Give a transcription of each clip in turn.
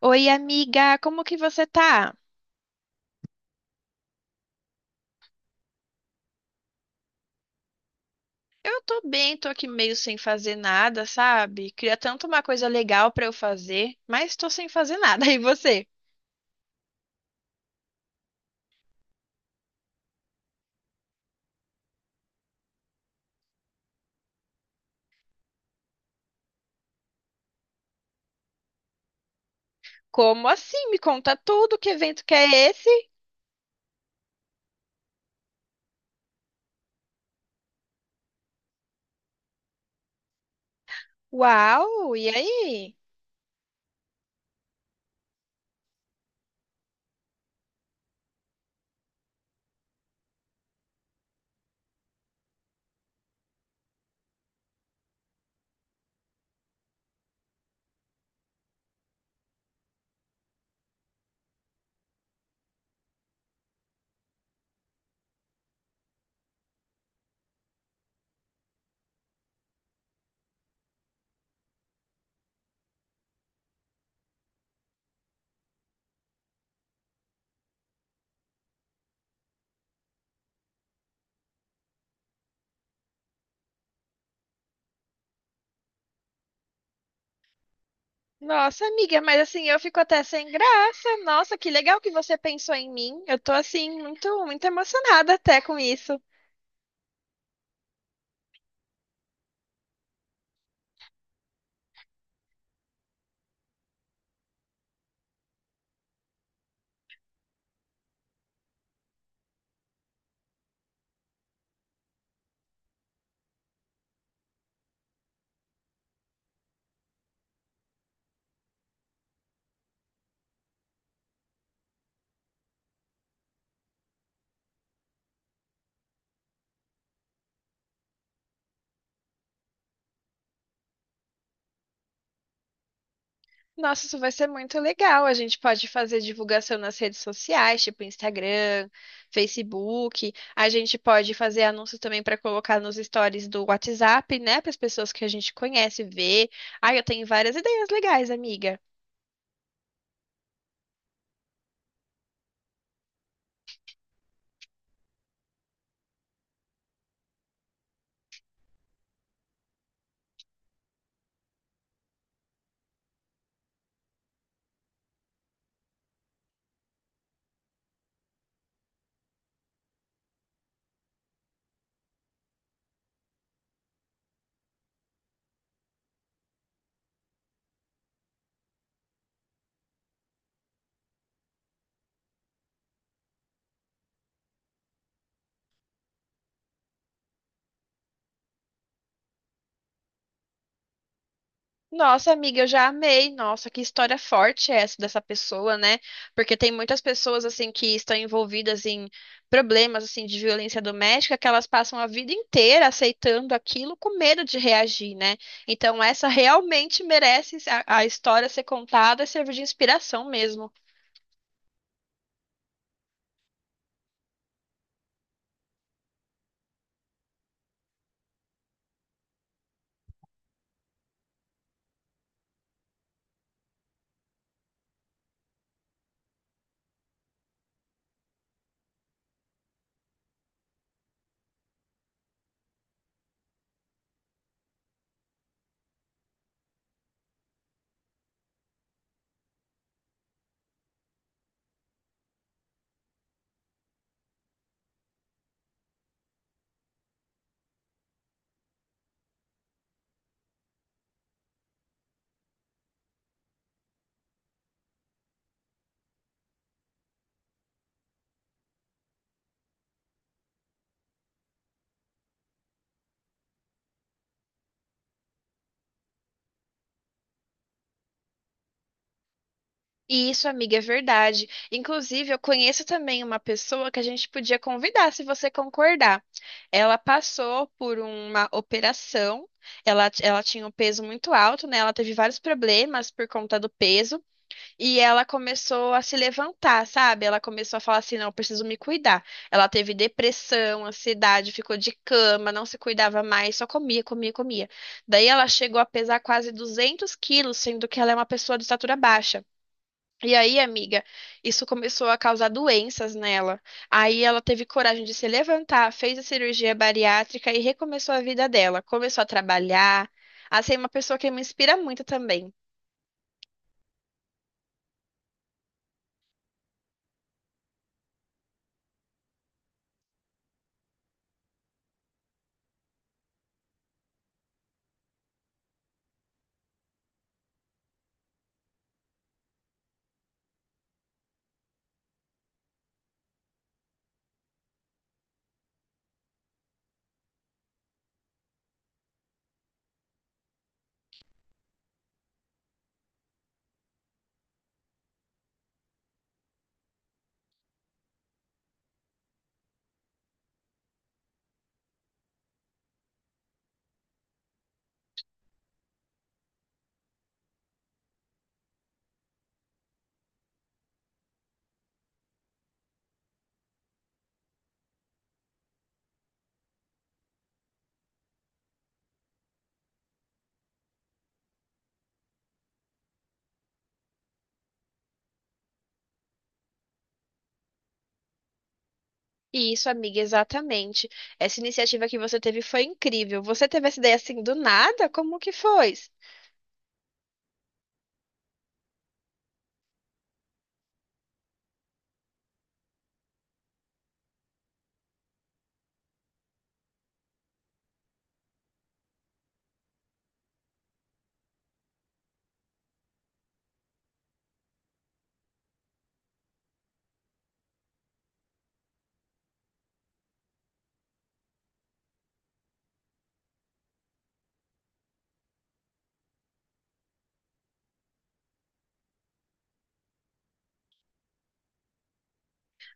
Oi, amiga, como que você tá? Eu tô bem, tô aqui meio sem fazer nada, sabe? Queria tanto uma coisa legal pra eu fazer, mas tô sem fazer nada. E você? Como assim? Me conta tudo, que evento que é esse? Uau, e aí? Nossa, amiga, mas assim, eu fico até sem graça. Nossa, que legal que você pensou em mim. Eu tô assim muito, muito emocionada até com isso. Nossa, isso vai ser muito legal. A gente pode fazer divulgação nas redes sociais, tipo Instagram, Facebook. A gente pode fazer anúncios também para colocar nos stories do WhatsApp, né? Para as pessoas que a gente conhece ver. Ai, eu tenho várias ideias legais, amiga. Nossa, amiga, eu já amei. Nossa, que história forte é essa dessa pessoa, né? Porque tem muitas pessoas assim que estão envolvidas em problemas assim de violência doméstica que elas passam a vida inteira aceitando aquilo com medo de reagir, né? Então essa realmente merece a história ser contada e servir de inspiração mesmo. Isso, amiga, é verdade. Inclusive, eu conheço também uma pessoa que a gente podia convidar, se você concordar. Ela passou por uma operação, ela tinha um peso muito alto, né? Ela teve vários problemas por conta do peso e ela começou a se levantar, sabe? Ela começou a falar assim: não, eu preciso me cuidar. Ela teve depressão, ansiedade, ficou de cama, não se cuidava mais, só comia, comia, comia. Daí ela chegou a pesar quase 200 quilos, sendo que ela é uma pessoa de estatura baixa. E aí, amiga, isso começou a causar doenças nela. Aí ela teve coragem de se levantar, fez a cirurgia bariátrica e recomeçou a vida dela. Começou a trabalhar, a ser uma pessoa que me inspira muito também. E isso, amiga, exatamente. Essa iniciativa que você teve foi incrível. Você teve essa ideia assim do nada? Como que foi?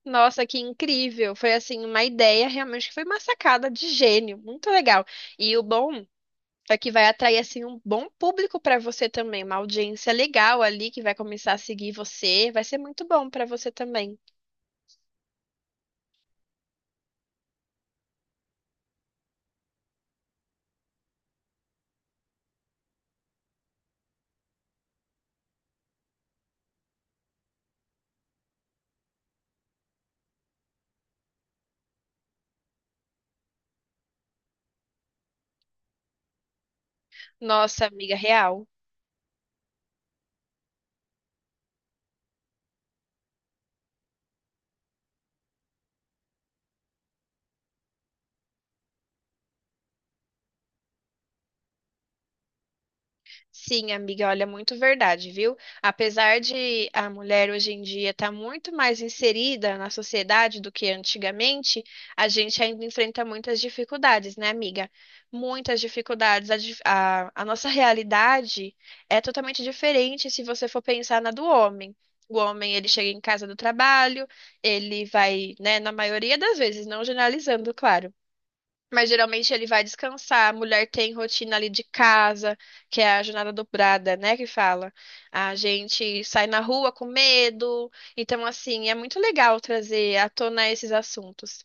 Nossa, que incrível! Foi assim uma ideia realmente que foi uma sacada de gênio, muito legal. E o bom, só que vai atrair assim um bom público para você também, uma audiência legal ali que vai começar a seguir você, vai ser muito bom para você também. Nossa, amiga real. Sim, amiga, olha, muito verdade, viu? Apesar de a mulher hoje em dia estar muito mais inserida na sociedade do que antigamente, a gente ainda enfrenta muitas dificuldades, né, amiga? Muitas dificuldades. A nossa realidade é totalmente diferente se você for pensar na do homem. O homem, ele chega em casa do trabalho, ele vai, né, na maioria das vezes, não generalizando, claro. Mas geralmente ele vai descansar. A mulher tem rotina ali de casa, que é a jornada dobrada, né? Que fala. A gente sai na rua com medo. Então, assim, é muito legal trazer à tona esses assuntos.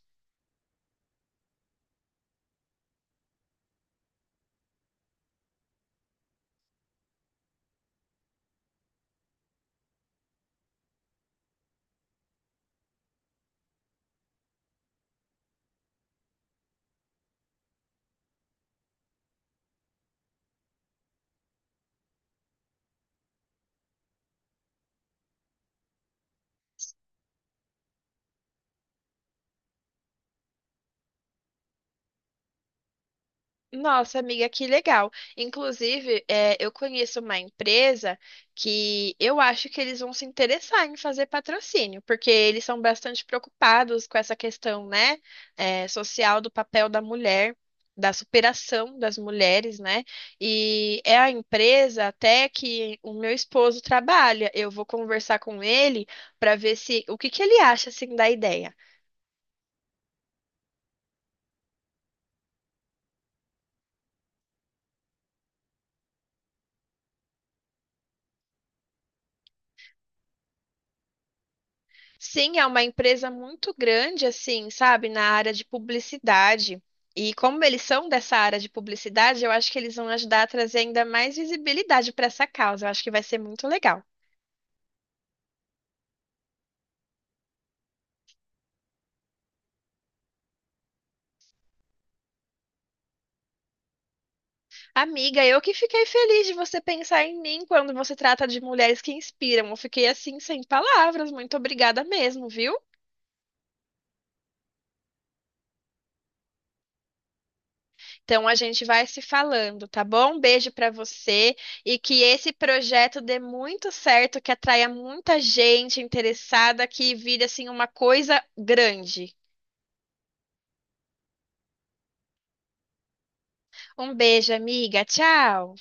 Nossa, amiga, que legal. Inclusive, é, eu conheço uma empresa que eu acho que eles vão se interessar em fazer patrocínio, porque eles são bastante preocupados com essa questão, né, é, social do papel da mulher, da superação das mulheres, né? E é a empresa até que o meu esposo trabalha. Eu vou conversar com ele para ver se o que que ele acha assim da ideia. Sim, é uma empresa muito grande, assim, sabe, na área de publicidade. E como eles são dessa área de publicidade, eu acho que eles vão ajudar a trazer ainda mais visibilidade para essa causa. Eu acho que vai ser muito legal. Amiga, eu que fiquei feliz de você pensar em mim quando você trata de mulheres que inspiram. Eu fiquei assim sem palavras. Muito obrigada mesmo, viu? Então a gente vai se falando, tá bom? Um beijo para você e que esse projeto dê muito certo, que atraia muita gente interessada, que vire assim uma coisa grande. Um beijo, amiga. Tchau.